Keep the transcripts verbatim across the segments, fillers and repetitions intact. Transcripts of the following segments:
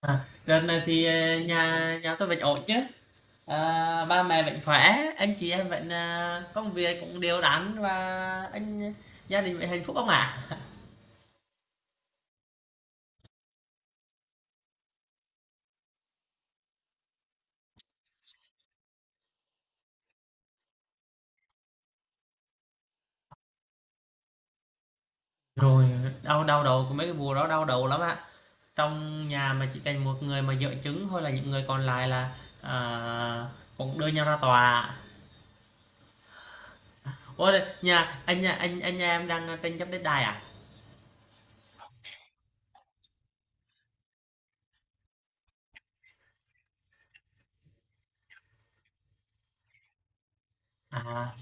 À, đợt này thì ờ, nhà nhà tôi vẫn ổn chứ, à, ba mẹ vẫn khỏe, anh chị em vẫn, à, công việc cũng đều đặn, và anh gia đình vẫn hạnh phúc không ạ? Rồi đau đau đầu của mấy cái mùa đó, đau đầu lắm ạ. Trong nhà mà chỉ cần một người mà dẫn chứng thôi là những người còn lại là, à, cũng đưa nhau ra tòa. Ôi, nhà anh, nhà anh anh nhà em đang tranh chấp đất đai à à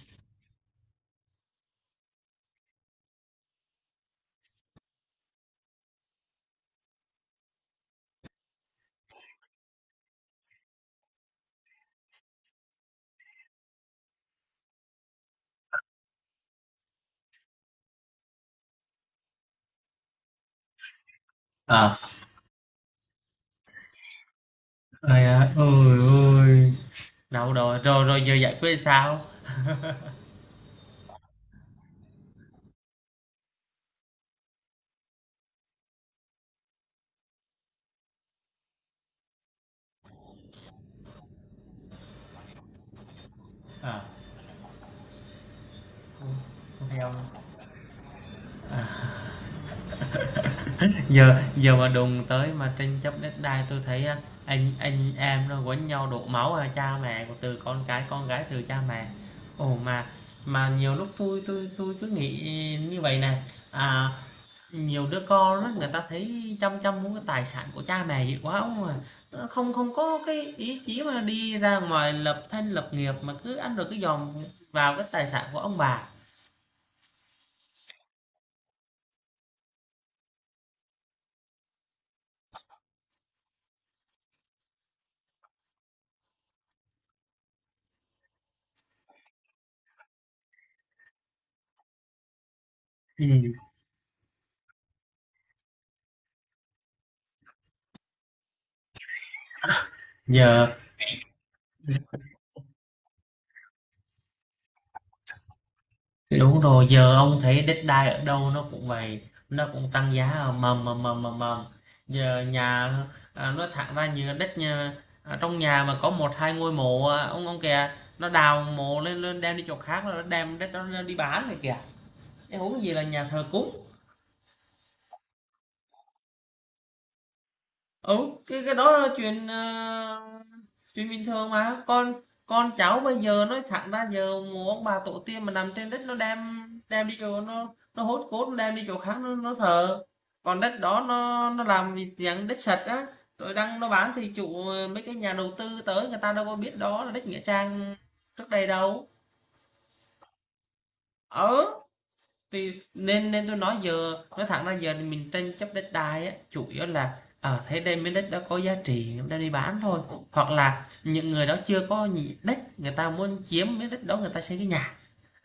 à Ôi, ôi, ôi. Đâu rồi, rồi, rồi giờ giải quyết sao? À. Ừ, giờ giờ mà đùng tới mà tranh chấp đất đai tôi thấy anh anh em nó quấn nhau đổ máu, à, cha mẹ từ con cái, con gái từ cha mẹ. Ồ, mà mà nhiều lúc tôi tôi tôi cứ nghĩ như vậy này, à, nhiều đứa con đó người ta thấy chăm chăm muốn cái tài sản của cha mẹ, hiểu quá không à. Nó không không có cái ý chí mà đi ra ngoài lập thân lập nghiệp, mà cứ ăn rồi cứ dòm vào cái tài sản của ông bà. Ừ, giờ. Thì đúng rồi, giờ ông thấy Deadline ở đâu nó cũng vậy, nó cũng tăng giá mầm mầm mầm mầm mầm. Giờ nhà, à, nói thẳng ra như đất nhà, à, trong nhà mà có một hai ngôi mộ, à, ông ông kìa, nó đào mộ lên, lên đem đi chỗ khác rồi nó đem đất đó đi bán này kìa. Cái huống gì là nhà thờ cúng. Ừ, cái cái đó là chuyện, ờ, chuyện bình thường mà con con cháu bây giờ, nói thẳng ra giờ mồ ông bà tổ tiên mà nằm trên đất, nó đem đem đi chỗ, nó, nó hốt cốt nó đem đi chỗ khác, nó, nó thờ, còn đất đó nó nó làm gì, dạng đất sạch á, rồi đang nó bán thì chủ, ờ, mấy cái nhà đầu tư tới người ta đâu có biết đó là đất nghĩa trang trước đây đâu. Ờ, thì nên nên tôi nói giờ nói thẳng ra giờ mình tranh chấp đất đai á, chủ yếu là ở thế đây, miếng đất đó có giá trị đang đi bán thôi, hoặc là những người đó chưa có nhị- đất, người ta muốn chiếm miếng đất đó, người ta xây cái nhà,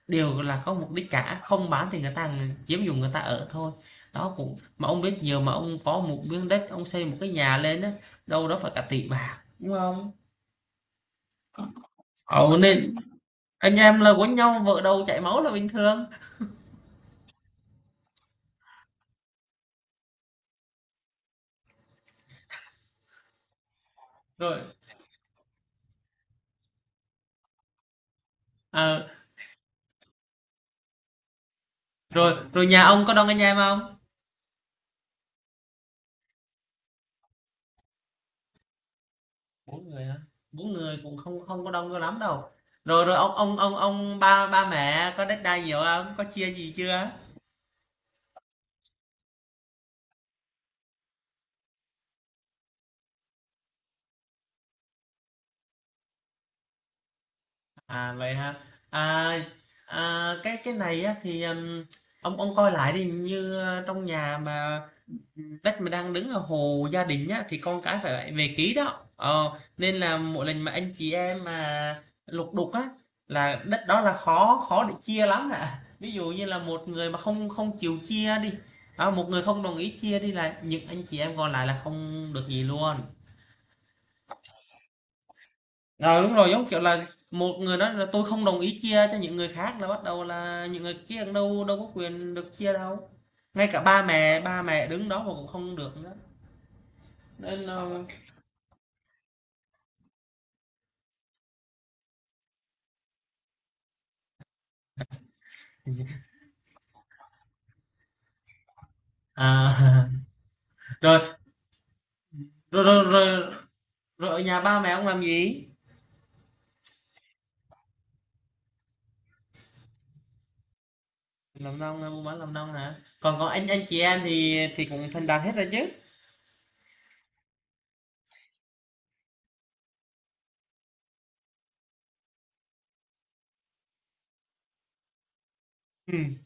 đều là có mục đích cả. Không bán thì người ta chiếm dùng, người ta ở thôi. Đó, cũng mà ông biết, nhiều mà ông có một miếng đất ông xây một cái nhà lên á, đâu đó phải cả tỷ bạc đúng không. Ồ, nên anh em là quấn nhau vợ đầu chảy máu là bình thường. Rồi, ờ, rồi rồi nhà ông có đông anh em không? Bốn người hả? Bốn người cũng không không có đông cho lắm đâu. Rồi rồi ông ông ông ông ba ba mẹ có đất đai nhiều không, có chia gì chưa? À vậy ha, à, à cái cái này á thì, ừm, ông ông coi lại đi, như, ờ, trong nhà mà đất mà đang đứng ở hồ gia đình nhá thì con cái phải về ký đó. Ờ, nên là mỗi lần mà anh chị em mà lục đục á là đất đó là khó khó để chia lắm ạ. Ví dụ như là một người mà không không chịu chia đi, à, một người không đồng ý chia đi là những anh chị em còn lại là không được gì luôn. Ờ đúng rồi, giống kiểu là một người nói là tôi không đồng ý chia cho những người khác là bắt đầu là những người kia đâu đâu có quyền được chia đâu. Ngay cả ba mẹ ba mẹ đứng đó mà cũng không được nữa. Nên là, à. Rồi rồi rồi rồi, rồi ở nhà ba mẹ ông làm gì? Làm nông buôn bán, làm nông hả? Còn có anh anh chị em thì thì cũng thành đạt hết rồi chứ? Ừ.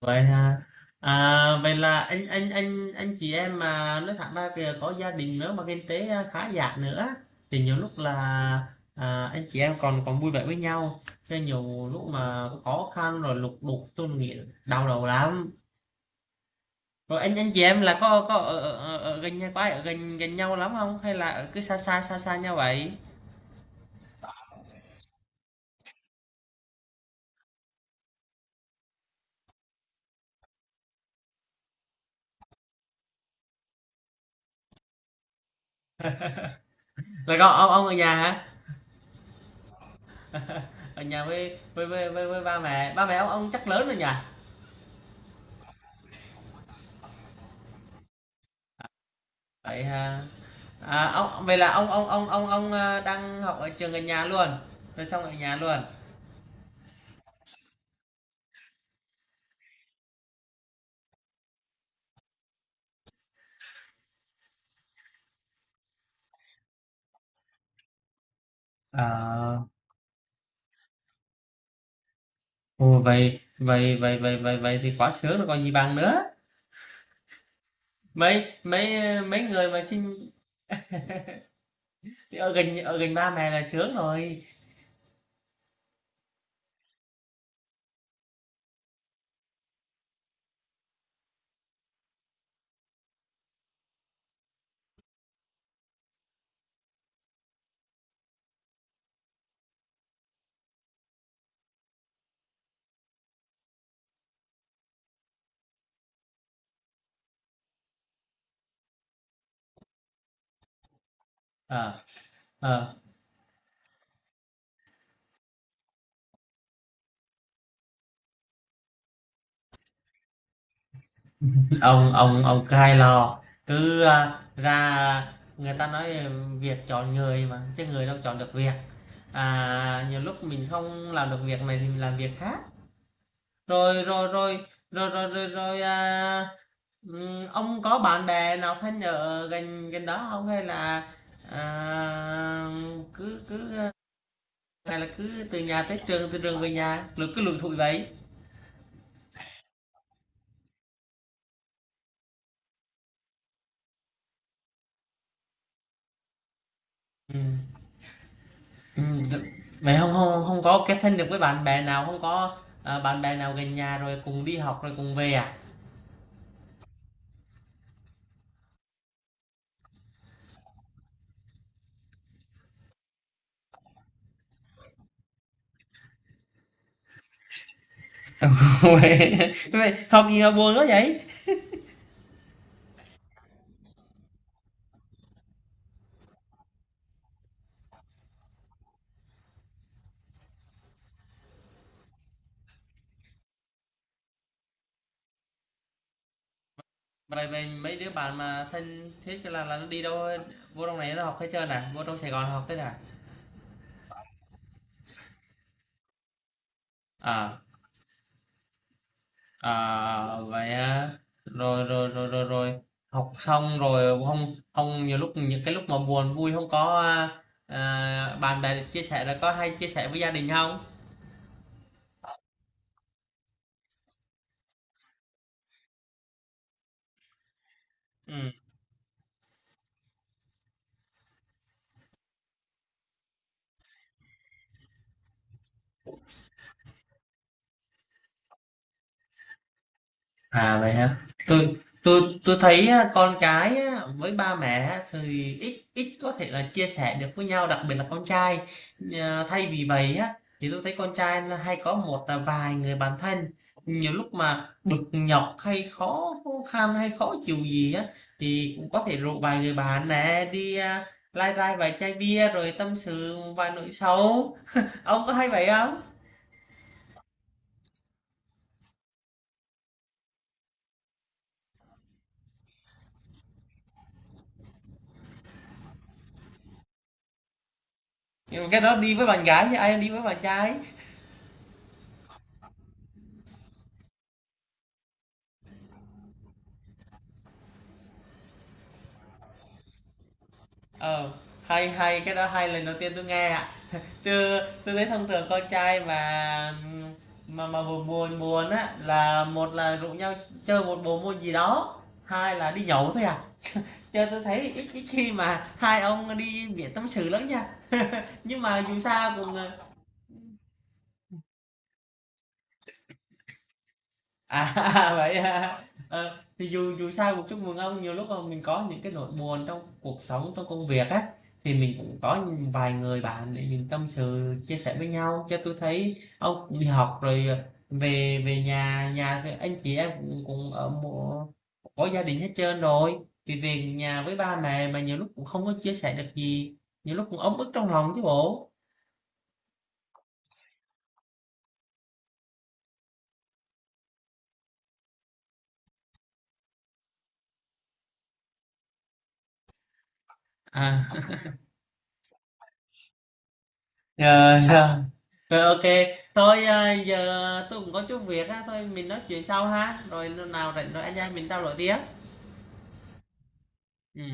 Vậy hả? À, vậy là anh anh anh anh chị em mà nói thẳng ra kìa có gia đình nữa mà kinh tế khá giả nữa, thì nhiều lúc là, à, anh chị em còn còn vui vẻ với nhau, cho nhiều lúc mà có khó khăn rồi lục đục tôi nghĩ đau đầu lắm. Rồi anh anh chị em là có có ở, ở, ở, gần nhau quá, ở gần gần nhau lắm không, hay là ở cứ xa xa xa xa nhau vậy? Là con ông ông ở nhà hả? Ở nhà với với với với, với ba mẹ. Ba mẹ ông ông chắc lớn rồi nhỉ? Vậy hả? À, ông vậy là ông ông ông ông ông, à, đang học ở trường gần nhà luôn. Rồi xong ở nhà luôn. À, ồ, vậy vậy vậy vậy vậy vậy thì quá sướng rồi còn gì bằng nữa. Mấy mấy mấy người mà xin ở gần ở gần ba mẹ là sướng rồi. Ờ, ờ, ông ông ông cứ hay lo, cứ, à, ra người ta nói việc chọn người mà chứ người đâu chọn được việc, à, nhiều lúc mình không làm được việc này thì mình làm việc khác. rồi rồi rồi rồi rồi rồi, rồi, à, ừm, ông có bạn bè nào thân ở gần gần đó không, hay là, à, cứ cứ à, hay là cứ từ nhà tới trường, từ trường về nhà rồi cứ lủi thủi vậy? Ừm, d vậy không, hông hông có kết thân được với bạn bè nào, không có, ờ, bạn bè nào gần nhà rồi cùng đi học rồi cùng về à? Uầy, vậy học gì mà buồn quá vậy? Vậy vậy mấy đứa bạn mà thân thiết là là nó đi đâu, vô trong này nó học hết trơn à? Vô trong Sài Gòn học hết à? À, à, vậy á, rồi, rồi, rồi, rồi, rồi, học xong rồi không không nhiều lúc những cái lúc mà buồn vui không có, a, à, bạn bè chia sẻ rồi, có hay chia sẻ với gia đình không? Ừm. À, vậy hả? Tôi tôi tôi thấy á, con cái á, với ba mẹ á, thì ít ít có thể là chia sẻ được với nhau, đặc biệt là con trai. Nhờ- thay vì vậy á thì tôi thấy con trai là hay có một là vài người bạn thân. Nhiều lúc mà bực nhọc hay khó khăn hay khó chịu gì á, thì cũng có thể rủ vài người bạn nè đi, à, lai rai vài chai bia rồi tâm sự vài nỗi sầu. Ông có hay vậy không? Nhưng mà cái đó đi với bạn gái chứ ai đi với bạn trai. Ờ, hay, hay, cái đó hay, lần đầu tiên tôi nghe ạ. tôi tôi thấy thông thường con trai mà, mà mà buồn buồn buồn á là một là rủ nhau chơi một bộ môn gì đó, hai là đi nhậu thôi à. Chơi tôi thấy ít ít khi mà hai ông đi biển tâm sự lắm nha. Nhưng mà dù sao cũng, ờ, à. Vậy hả? Ờ, thì dù dù sao cũng chúc mừng ông, nhiều lúc mà mình có những cái nỗi buồn trong cuộc sống, trong công việc á, thì mình cũng có vài người bạn để mình tâm sự, chia sẻ với nhau, cho tôi thấy ông cũng đi học rồi, ờ, về về nhà, nhà thì anh chị em cũng, cũng ở một, có gia đình hết trơn rồi, thì về nhà với ba mẹ mà nhiều lúc cũng không có chia sẻ được gì, nhiều lúc cũng ấm ức trong lòng chứ bộ. À, ờ, rồi ok, thôi, à, giờ tôi cũng có chút việc á, thôi mình nói chuyện sau ha, rồi nào rảnh rồi anh em mình trao đổi tiếp. Ừ.